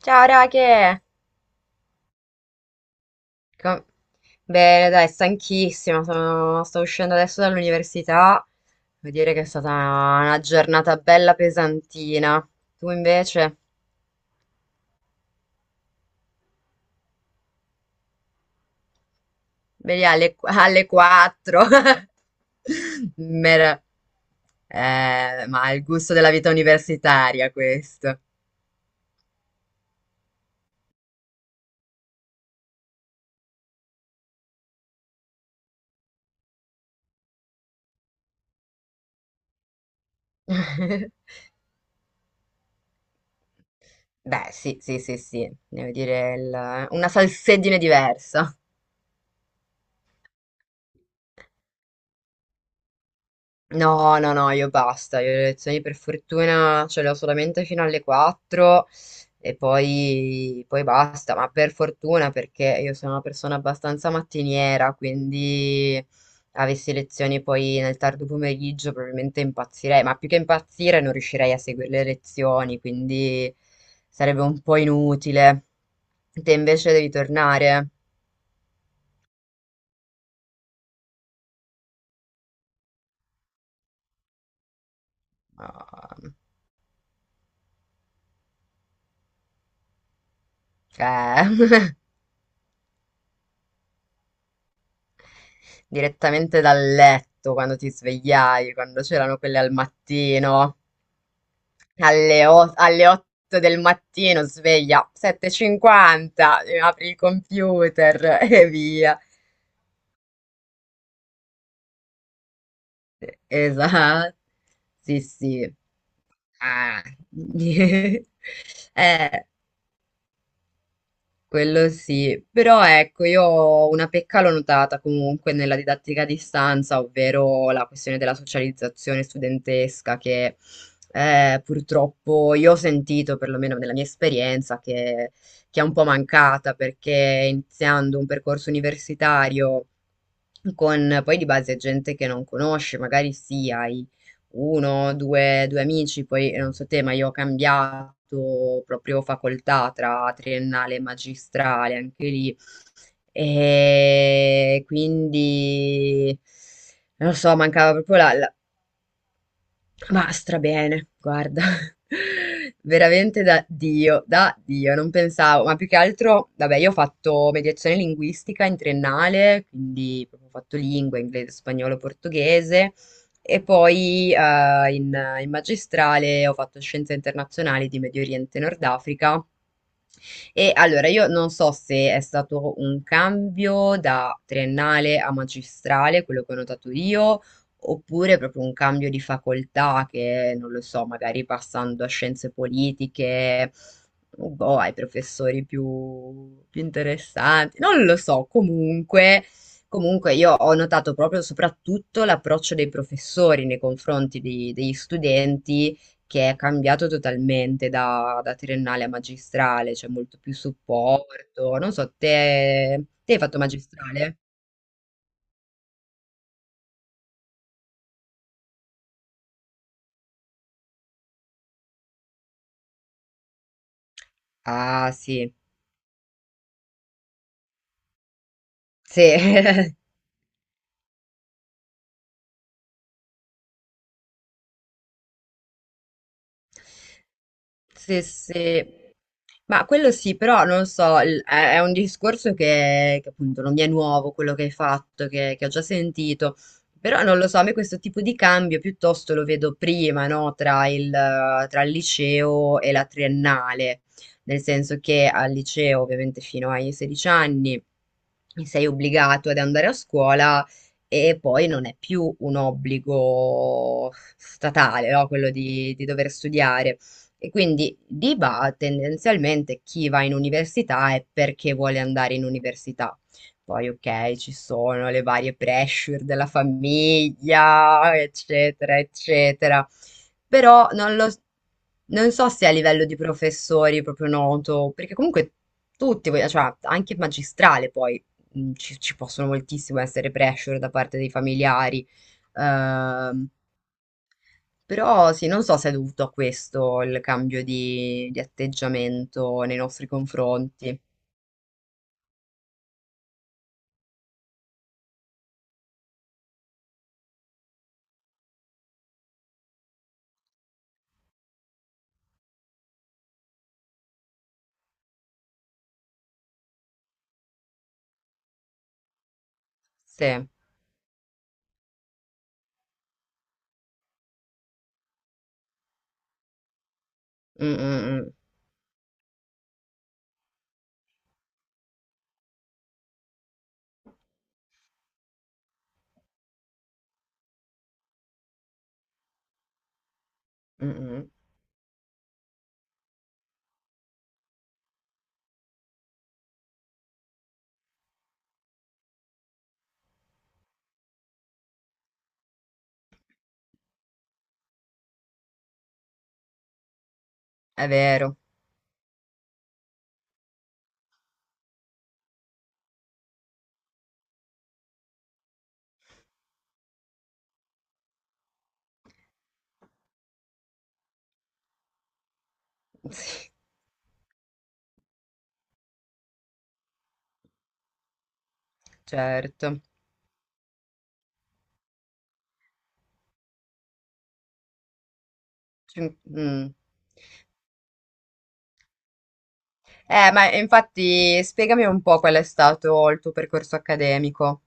Ciao Rache! Com- Bene, dai, stanchissima, sto uscendo adesso dall'università. Devo dire che è stata una giornata bella pesantina. Tu invece? Vedi alle 4. Mer- ma è il gusto della vita universitaria questo. Beh, sì, sì, sì, sì, devo dire una salsedine diversa. No, no, no, io basta, io le lezioni per fortuna ce le ho solamente fino alle 4 e poi basta, ma per fortuna perché io sono una persona abbastanza mattiniera, quindi avessi lezioni poi nel tardo pomeriggio probabilmente impazzirei, ma più che impazzire non riuscirei a seguire le lezioni, quindi sarebbe un po' inutile. Te invece devi tornare. Ah, eh. Direttamente dal letto quando ti svegliavi, quando c'erano quelle al mattino, alle 8 del mattino sveglia, 7.50, apri il computer e via. Esatto, sì sì. Ah. Eh. Quello sì, però ecco, io ho una pecca l'ho notata comunque nella didattica a distanza, ovvero la questione della socializzazione studentesca, che purtroppo io ho sentito, perlomeno nella mia esperienza, che è un po' mancata, perché iniziando un percorso universitario con poi di base gente che non conosci, magari sì, hai uno, due amici, poi non so te, ma io ho cambiato proprio facoltà tra triennale e magistrale, anche lì. E quindi non lo so, mancava proprio ma strabene, guarda, veramente da Dio, non pensavo, ma più che altro, vabbè, io ho fatto mediazione linguistica in triennale, quindi proprio ho fatto lingua, inglese, spagnolo, portoghese, e poi in magistrale ho fatto scienze internazionali di Medio Oriente e Nord Africa, e allora io non so se è stato un cambio da triennale a magistrale, quello che ho notato io, oppure proprio un cambio di facoltà che, non lo so, magari passando a scienze politiche, boh, ai professori più, più interessanti, non lo so, comunque. Comunque io ho notato proprio soprattutto l'approccio dei professori nei confronti degli studenti, che è cambiato totalmente da triennale a magistrale, c'è molto più supporto. Non so, te hai fatto magistrale? Ah, sì, sì, sì, sì. Ma quello sì, però non so, è un discorso che appunto non mi è nuovo quello che hai fatto, che ho già sentito, però non lo so, a me questo tipo di cambio piuttosto lo vedo prima, no? Tra il liceo e la triennale, nel senso che al liceo ovviamente fino ai 16 anni sei obbligato ad andare a scuola e poi non è più un obbligo statale, no? Quello di dover studiare. E quindi tendenzialmente chi va in università è perché vuole andare in università. Poi, ok, ci sono le varie pressure della famiglia, eccetera, eccetera. Però non lo, Non so se a livello di professori è proprio noto, perché comunque tutti, cioè anche il magistrale poi ci possono moltissimo essere pressure da parte dei familiari. Ehm, Però sì, non so se è dovuto a questo il cambio di atteggiamento nei nostri confronti. Sì, mm, mm, mm. Mm, mm. È vero, sì, certo. Ci- mm. Ma infatti spiegami un po' qual è stato il tuo percorso accademico.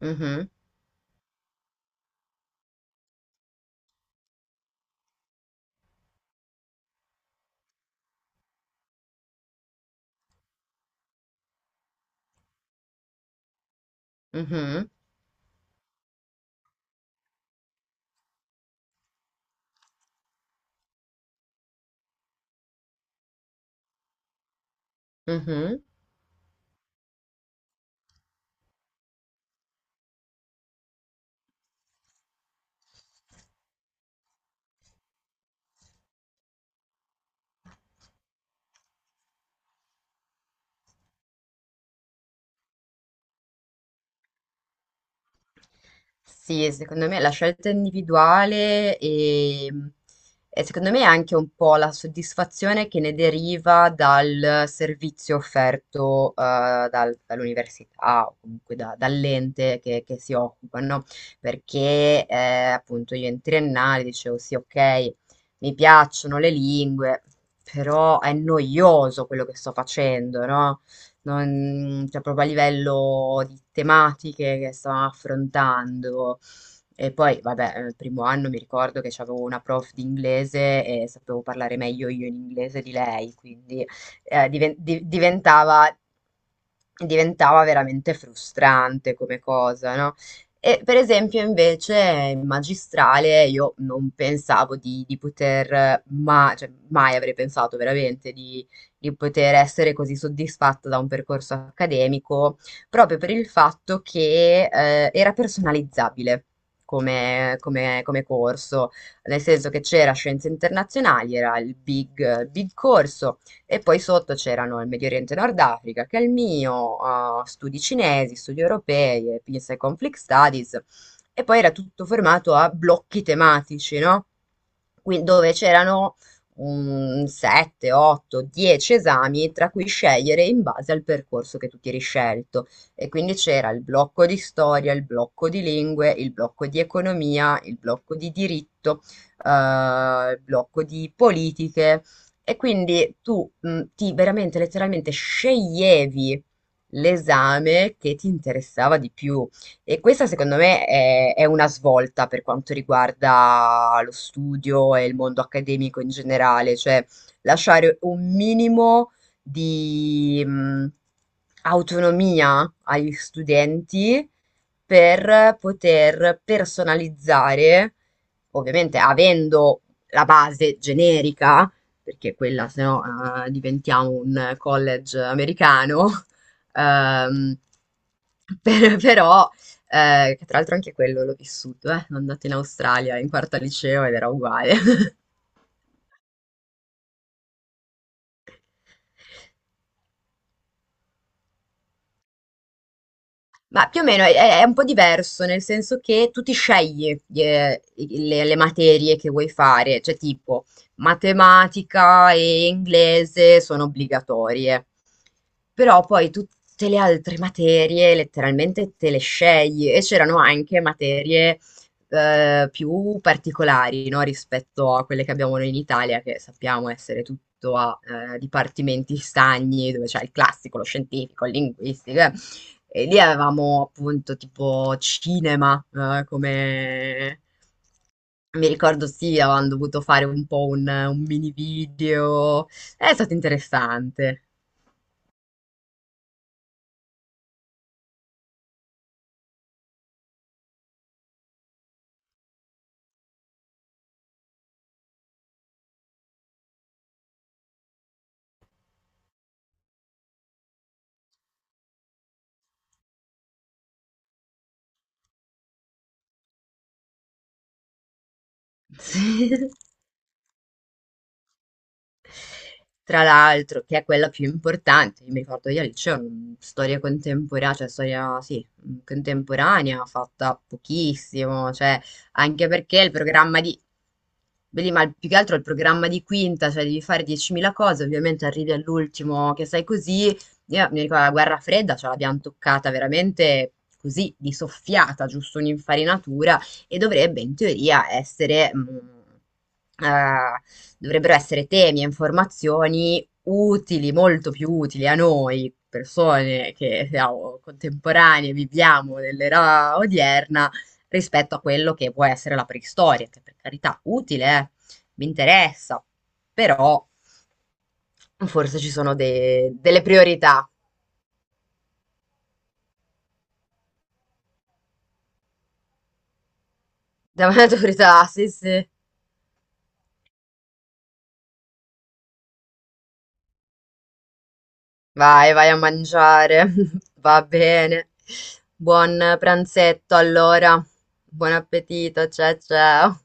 Mhm, mhm, mhm. Sì, secondo me la scelta individuale e secondo me anche un po' la soddisfazione che ne deriva dal servizio offerto dall'università o comunque dall'ente che si occupa, no? Perché appunto io in triennale dicevo sì, ok, mi piacciono le lingue, però è noioso quello che sto facendo, no? Cioè proprio a livello di tematiche che stavamo affrontando. E poi, vabbè, il primo anno mi ricordo che avevo una prof di inglese e sapevo parlare meglio io in inglese di lei, quindi eh, diven- di- diventava, diventava veramente frustrante come cosa, no? E per esempio invece in magistrale io non pensavo di poter, ma, cioè, mai avrei pensato veramente di poter essere così soddisfatta da un percorso accademico, proprio per il fatto che era personalizzabile come corso, nel senso che c'era Scienze Internazionali, era il big, big corso, e poi sotto c'erano il Medio Oriente e Nord Africa, che è il mio, studi cinesi, studi europei, e Peace and Conflict Studies, e poi era tutto formato a blocchi tematici, no? Quindi dove c'erano un 7, 8, 10 esami tra cui scegliere in base al percorso che tu ti eri scelto. E quindi c'era il blocco di storia, il blocco di lingue, il blocco di economia, il blocco di diritto, eh, il blocco di politiche. E quindi tu ti veramente letteralmente sceglievi l'esame che ti interessava di più. E questa secondo me è una svolta per quanto riguarda lo studio e il mondo accademico in generale, cioè lasciare un minimo di autonomia agli studenti per poter personalizzare, ovviamente avendo la base generica, perché quella se no diventiamo un college americano, ehm, però, che tra l'altro anche quello l'ho vissuto, sono andata in Australia in quarta liceo ed era uguale. Ma più o meno è un po' diverso, nel senso che tu ti scegli le materie che vuoi fare, cioè tipo matematica e inglese sono obbligatorie, però poi tutte le altre materie letteralmente te le scegli e c'erano anche materie più particolari, no, rispetto a quelle che abbiamo noi in Italia, che sappiamo essere tutto a dipartimenti stagni, dove c'è il classico, lo scientifico, il linguistico. E lì avevamo appunto tipo cinema. Mi ricordo sì, avevamo dovuto fare un po' un, mini video. È stato interessante. Sì. Tra l'altro, che è quella più importante, io mi ricordo io al liceo, storia contemporanea, cioè storia, sì, contemporanea, fatta pochissimo, cioè, anche perché beh, lì, ma più che altro il programma di quinta, cioè devi fare 10.000 cose, ovviamente arrivi all'ultimo che sai così, io mi ricordo la guerra fredda, ce l'abbiamo toccata veramente così, di soffiata, giusto un'infarinatura, e dovrebbe in teoria essere... eh, dovrebbero essere temi e informazioni utili, molto più utili a noi, persone che siamo contemporanee, viviamo nell'era odierna, rispetto a quello che può essere la preistoria, che per carità utile, mi interessa, però forse ci sono delle priorità. Davanti alle priorità, sì, sì. Vai, vai a mangiare. Va bene. Buon pranzetto allora. Buon appetito, ciao ciao.